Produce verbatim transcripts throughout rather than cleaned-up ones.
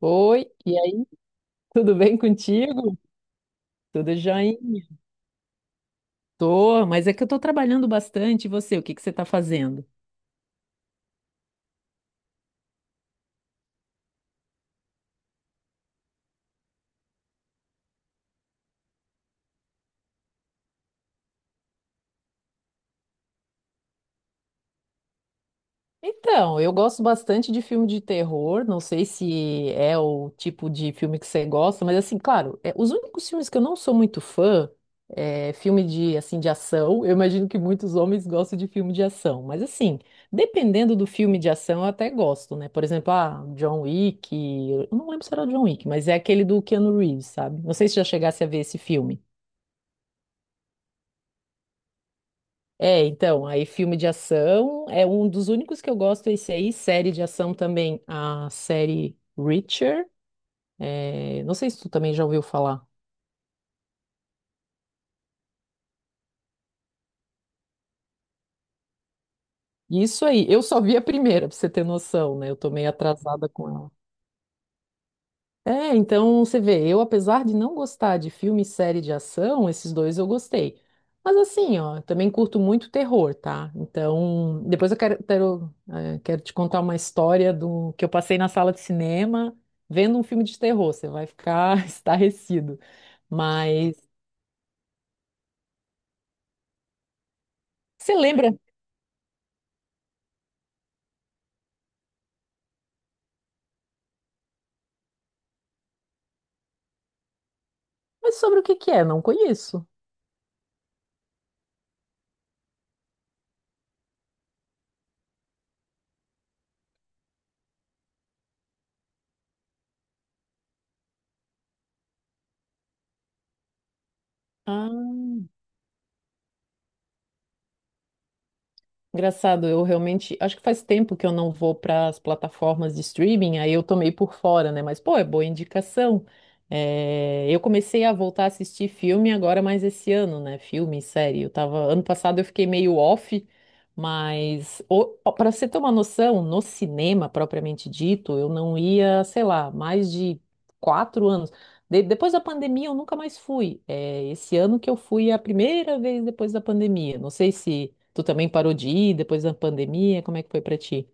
Oi, e aí, tudo bem contigo? Tudo joinha? Tô, mas é que eu tô trabalhando bastante. E você, o que que você tá fazendo? Então, eu gosto bastante de filme de terror. Não sei se é o tipo de filme que você gosta, mas assim, claro, é, os únicos filmes que eu não sou muito fã é filme de assim de ação. Eu imagino que muitos homens gostam de filme de ação, mas assim, dependendo do filme de ação, eu até gosto, né? Por exemplo, ah, John Wick. Eu não lembro se era o John Wick, mas é aquele do Keanu Reeves, sabe? Não sei se já chegasse a ver esse filme. É, então, aí filme de ação é um dos únicos que eu gosto, esse aí, série de ação também, a série Reacher, é, não sei se tu também já ouviu falar. Isso aí, eu só vi a primeira, pra você ter noção, né? Eu tô meio atrasada com ela. É, então você vê, eu apesar de não gostar de filme e série de ação, esses dois eu gostei. Mas assim, ó, também curto muito terror, tá? Então, depois eu quero, quero, eh, quero te contar uma história do que eu passei na sala de cinema vendo um filme de terror. Você vai ficar estarrecido. Mas você lembra? Mas sobre o que que é? Não conheço. Ah. Engraçado, eu realmente acho que faz tempo que eu não vou para as plataformas de streaming, aí eu tomei por fora, né? Mas, pô, é boa indicação. É, eu comecei a voltar a assistir filme agora mais esse ano, né? Filme, série. Eu tava, ano passado eu fiquei meio off, mas para você ter uma noção, no cinema propriamente dito, eu não ia, sei lá, mais de quatro anos. De- depois da pandemia, eu nunca mais fui. É, esse ano que eu fui é a primeira vez depois da pandemia. Não sei se tu também parou de ir depois da pandemia, como é que foi pra ti?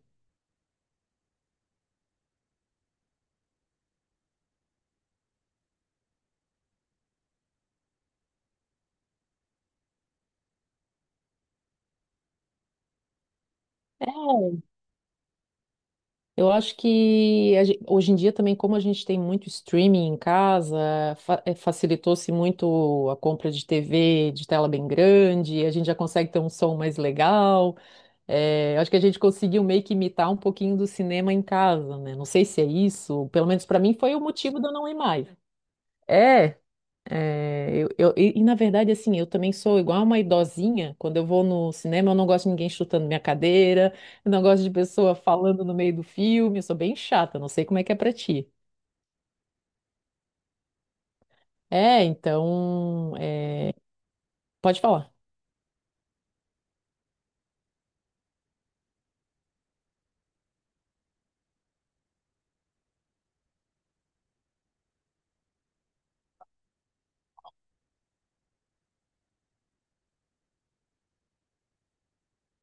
É, Eu acho que a gen- hoje em dia também, como a gente tem muito streaming em casa, fa- eh, facilitou-se muito a compra de T V de tela bem grande, a gente já consegue ter um som mais legal. Eh, acho que a gente conseguiu meio que imitar um pouquinho do cinema em casa, né? Não sei se é isso, pelo menos para mim foi o motivo de eu não ir mais. É, É, eu, eu- e, e, na verdade, assim, eu também sou igual uma idosinha. Quando eu vou no cinema, eu não gosto de ninguém chutando minha cadeira, eu não gosto de pessoa falando no meio do filme. Eu sou bem chata, não sei como é que é pra ti. É, então, é, pode falar.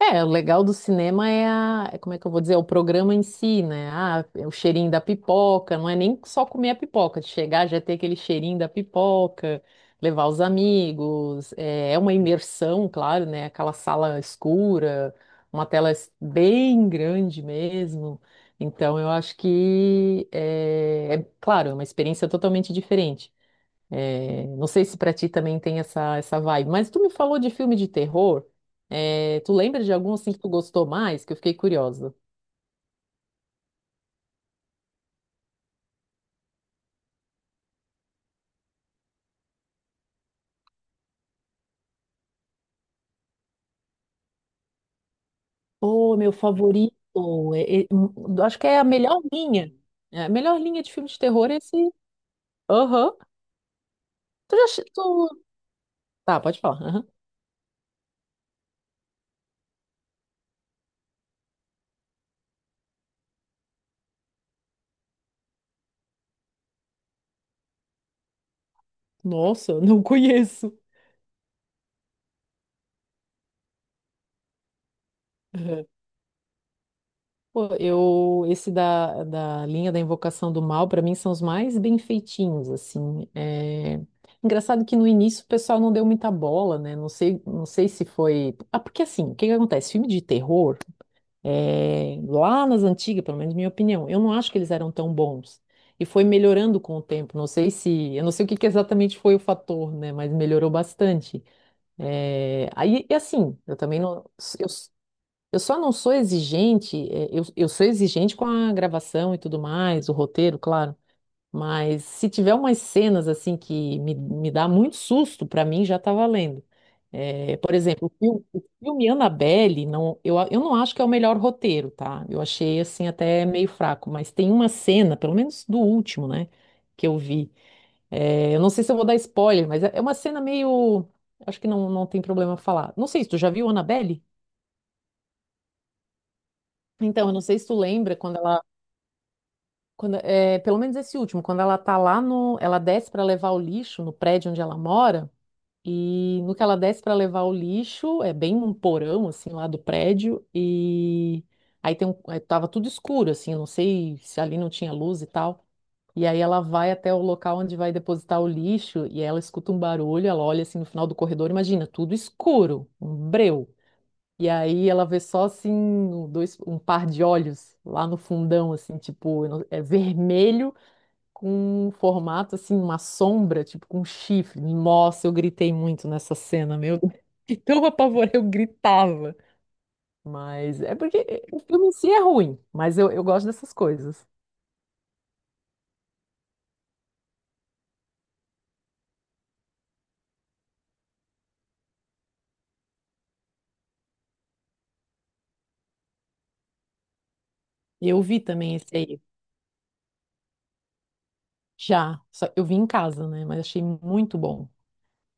É, o legal do cinema é a, é como é que eu vou dizer, é o programa em si, né? Ah, é o cheirinho da pipoca, não é nem só comer a pipoca, de chegar já é ter aquele cheirinho da pipoca, levar os amigos, é, é, uma imersão, claro, né? Aquela sala escura, uma tela es- bem grande mesmo. Então, eu acho que, é, é claro, é uma experiência totalmente diferente. É, não sei se pra ti também tem essa, essa vibe, mas tu me falou de filme de terror. É, tu lembra de algum assim que tu gostou mais? Que eu fiquei curiosa. Pô, meu favorito. é- é- hum, Acho que é a melhor linha. É, a melhor linha de filme de terror é esse. Aham. Tu já. chi- Tu. Tá, pode falar. Aham. Nossa, eu não conheço. Pô, eu, esse da, da linha da Invocação do Mal, pra mim, são os mais bem feitinhos, assim. É. Engraçado que no início o pessoal não deu muita bola, né? Não sei, não sei se foi. Ah, porque assim, o que que acontece? Filme de terror, é, lá nas antigas, pelo menos minha opinião, eu não acho que eles eram tão bons. E foi melhorando com o tempo. Não sei se. Eu não sei o que que exatamente foi o fator, né? Mas melhorou bastante. É, aí, e assim, eu também não. Eu... Eu só não sou exigente, eh, eu, eu sou exigente com a gravação e tudo mais, o roteiro, claro, mas se tiver umas cenas assim que me, me dá muito susto, pra mim já tá valendo. Eh, por exemplo, o filme, o filme Annabelle, não, eu, a- eu não acho que é o melhor roteiro, tá? Eu achei assim até meio fraco, mas tem uma cena, pelo menos do último, né, que eu vi. Eh, eu não sei se eu vou dar spoiler, mas é é uma cena meio. Acho que não, não tem problema falar. Não sei se tu já viu Annabelle? Então, eu não sei se tu lembra quando ela. Quando, é, pelo menos esse último, quando ela tá lá no, ela desce para levar o lixo no prédio onde ela mora, e no que ela desce para levar o lixo, é bem um porão assim lá do prédio e aí tem um, aí tava tudo escuro assim, eu não sei se ali não tinha luz e tal. E aí ela vai até o local onde vai depositar o lixo e ela escuta um barulho, ela olha assim no final do corredor, imagina, tudo escuro, um breu. E aí ela vê só assim um dois, um par de olhos lá no fundão, assim, tipo, eu não- é vermelho com um formato assim, uma sombra, tipo com um chifre. Nossa, eu gritei muito nessa cena, meu Deus. De tão apavorada, eu gritava. Mas é porque eh, o filme em si é ruim, mas eu, eu gosto dessas coisas. E eu vi também esse aí, já. Só- eu vi em casa, né? Mas achei muito bom.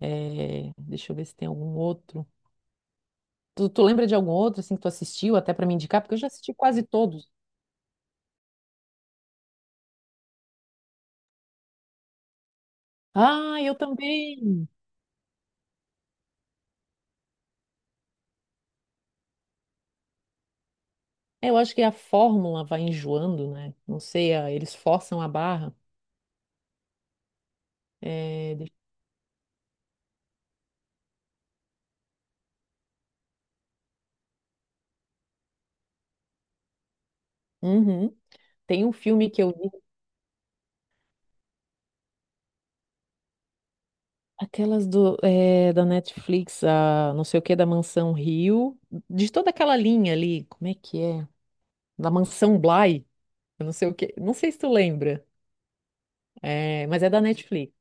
É, deixa eu ver se tem algum outro. Tu, tu lembra de algum outro, assim, que tu assistiu, até pra me indicar? Porque eu já assisti quase todos. Ah, eu também! É, eu acho que a fórmula vai enjoando, né? Não sei, a- eles forçam a barra. É. deixa- Uhum. Tem um filme que eu vi, aquelas do, é, da Netflix, a não sei o que, da Mansão Rio, de toda aquela linha ali, como é que é? Da Mansão Bly, eu não sei o que, não sei se tu lembra, é, mas é da Netflix.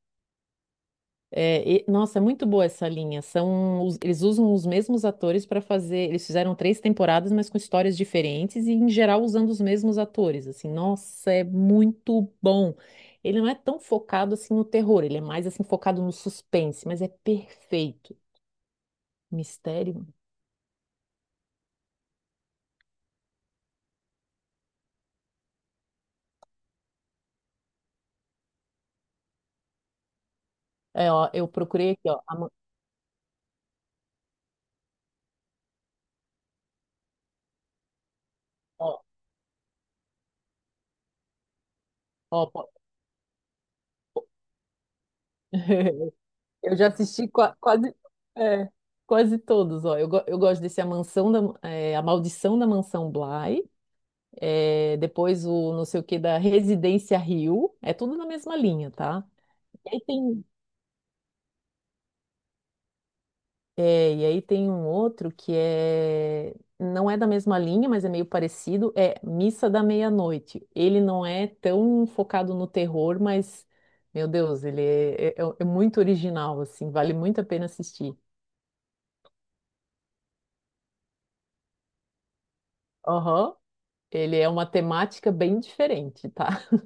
É, e- nossa, é muito boa essa linha. São, os- eles usam os mesmos atores para fazer. Eles fizeram três temporadas, mas com histórias diferentes e, em geral, usando os mesmos atores. Assim, nossa, é muito bom. Ele não é tão focado assim no terror. Ele é mais assim focado no suspense, mas é perfeito. Mistério. É, ó, eu procurei aqui, ó. Ama- ó, ó, po- Eu já assisti qua- quase, é, quase todos, ó. Eu, go- eu gosto desse A Mansão da, é, A Maldição da Mansão Bly. É, depois o não sei o que da Residência Rio, é tudo na mesma linha, tá? E aí tem, é, e aí tem um outro que é, não é da mesma linha, mas é meio parecido, é Missa da Meia-Noite. Ele não é tão focado no terror, mas, meu Deus, ele é, é- é é muito original, assim, vale muito a pena assistir. Aham. Ele é uma temática bem diferente, tá?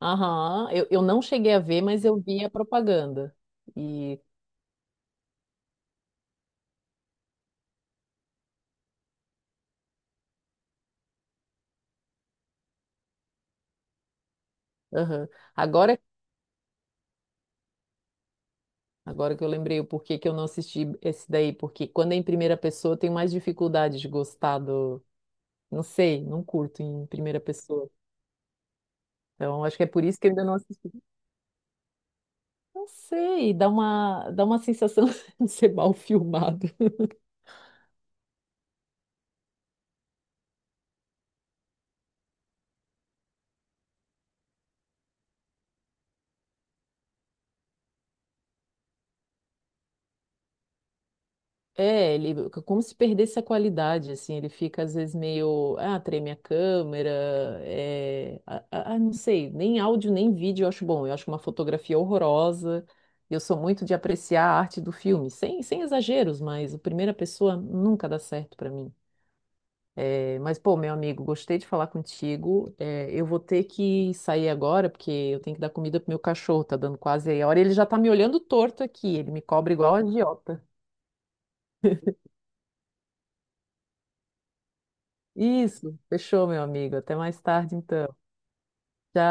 Aham, Eu, eu não cheguei a ver, mas eu vi a propaganda. E aham. Agora Agora que eu lembrei o porquê que eu não assisti esse daí, porque quando é em primeira pessoa eu tenho mais dificuldade de gostar do. Não sei, não curto em primeira pessoa. Então acho que é por isso que eu ainda não assisti. Não sei, dá uma, dá uma sensação de ser mal filmado. É, ele como se perdesse a qualidade, assim, ele fica às vezes meio, ah, treme a câmera, é, ah, ah, ah, não sei, nem áudio nem vídeo eu acho bom, eu acho uma fotografia horrorosa, eu sou muito de apreciar a arte do filme, sem, sem exageros, mas o primeira pessoa nunca dá certo pra mim. É, mas, pô, meu amigo, gostei de falar contigo, é, eu vou ter que sair agora, porque eu tenho que dar comida pro meu cachorro, tá dando quase aí a hora, ele já tá me olhando torto aqui, ele me cobra igual a idiota. Isso, fechou, meu amigo. Até mais tarde, então. Tchau.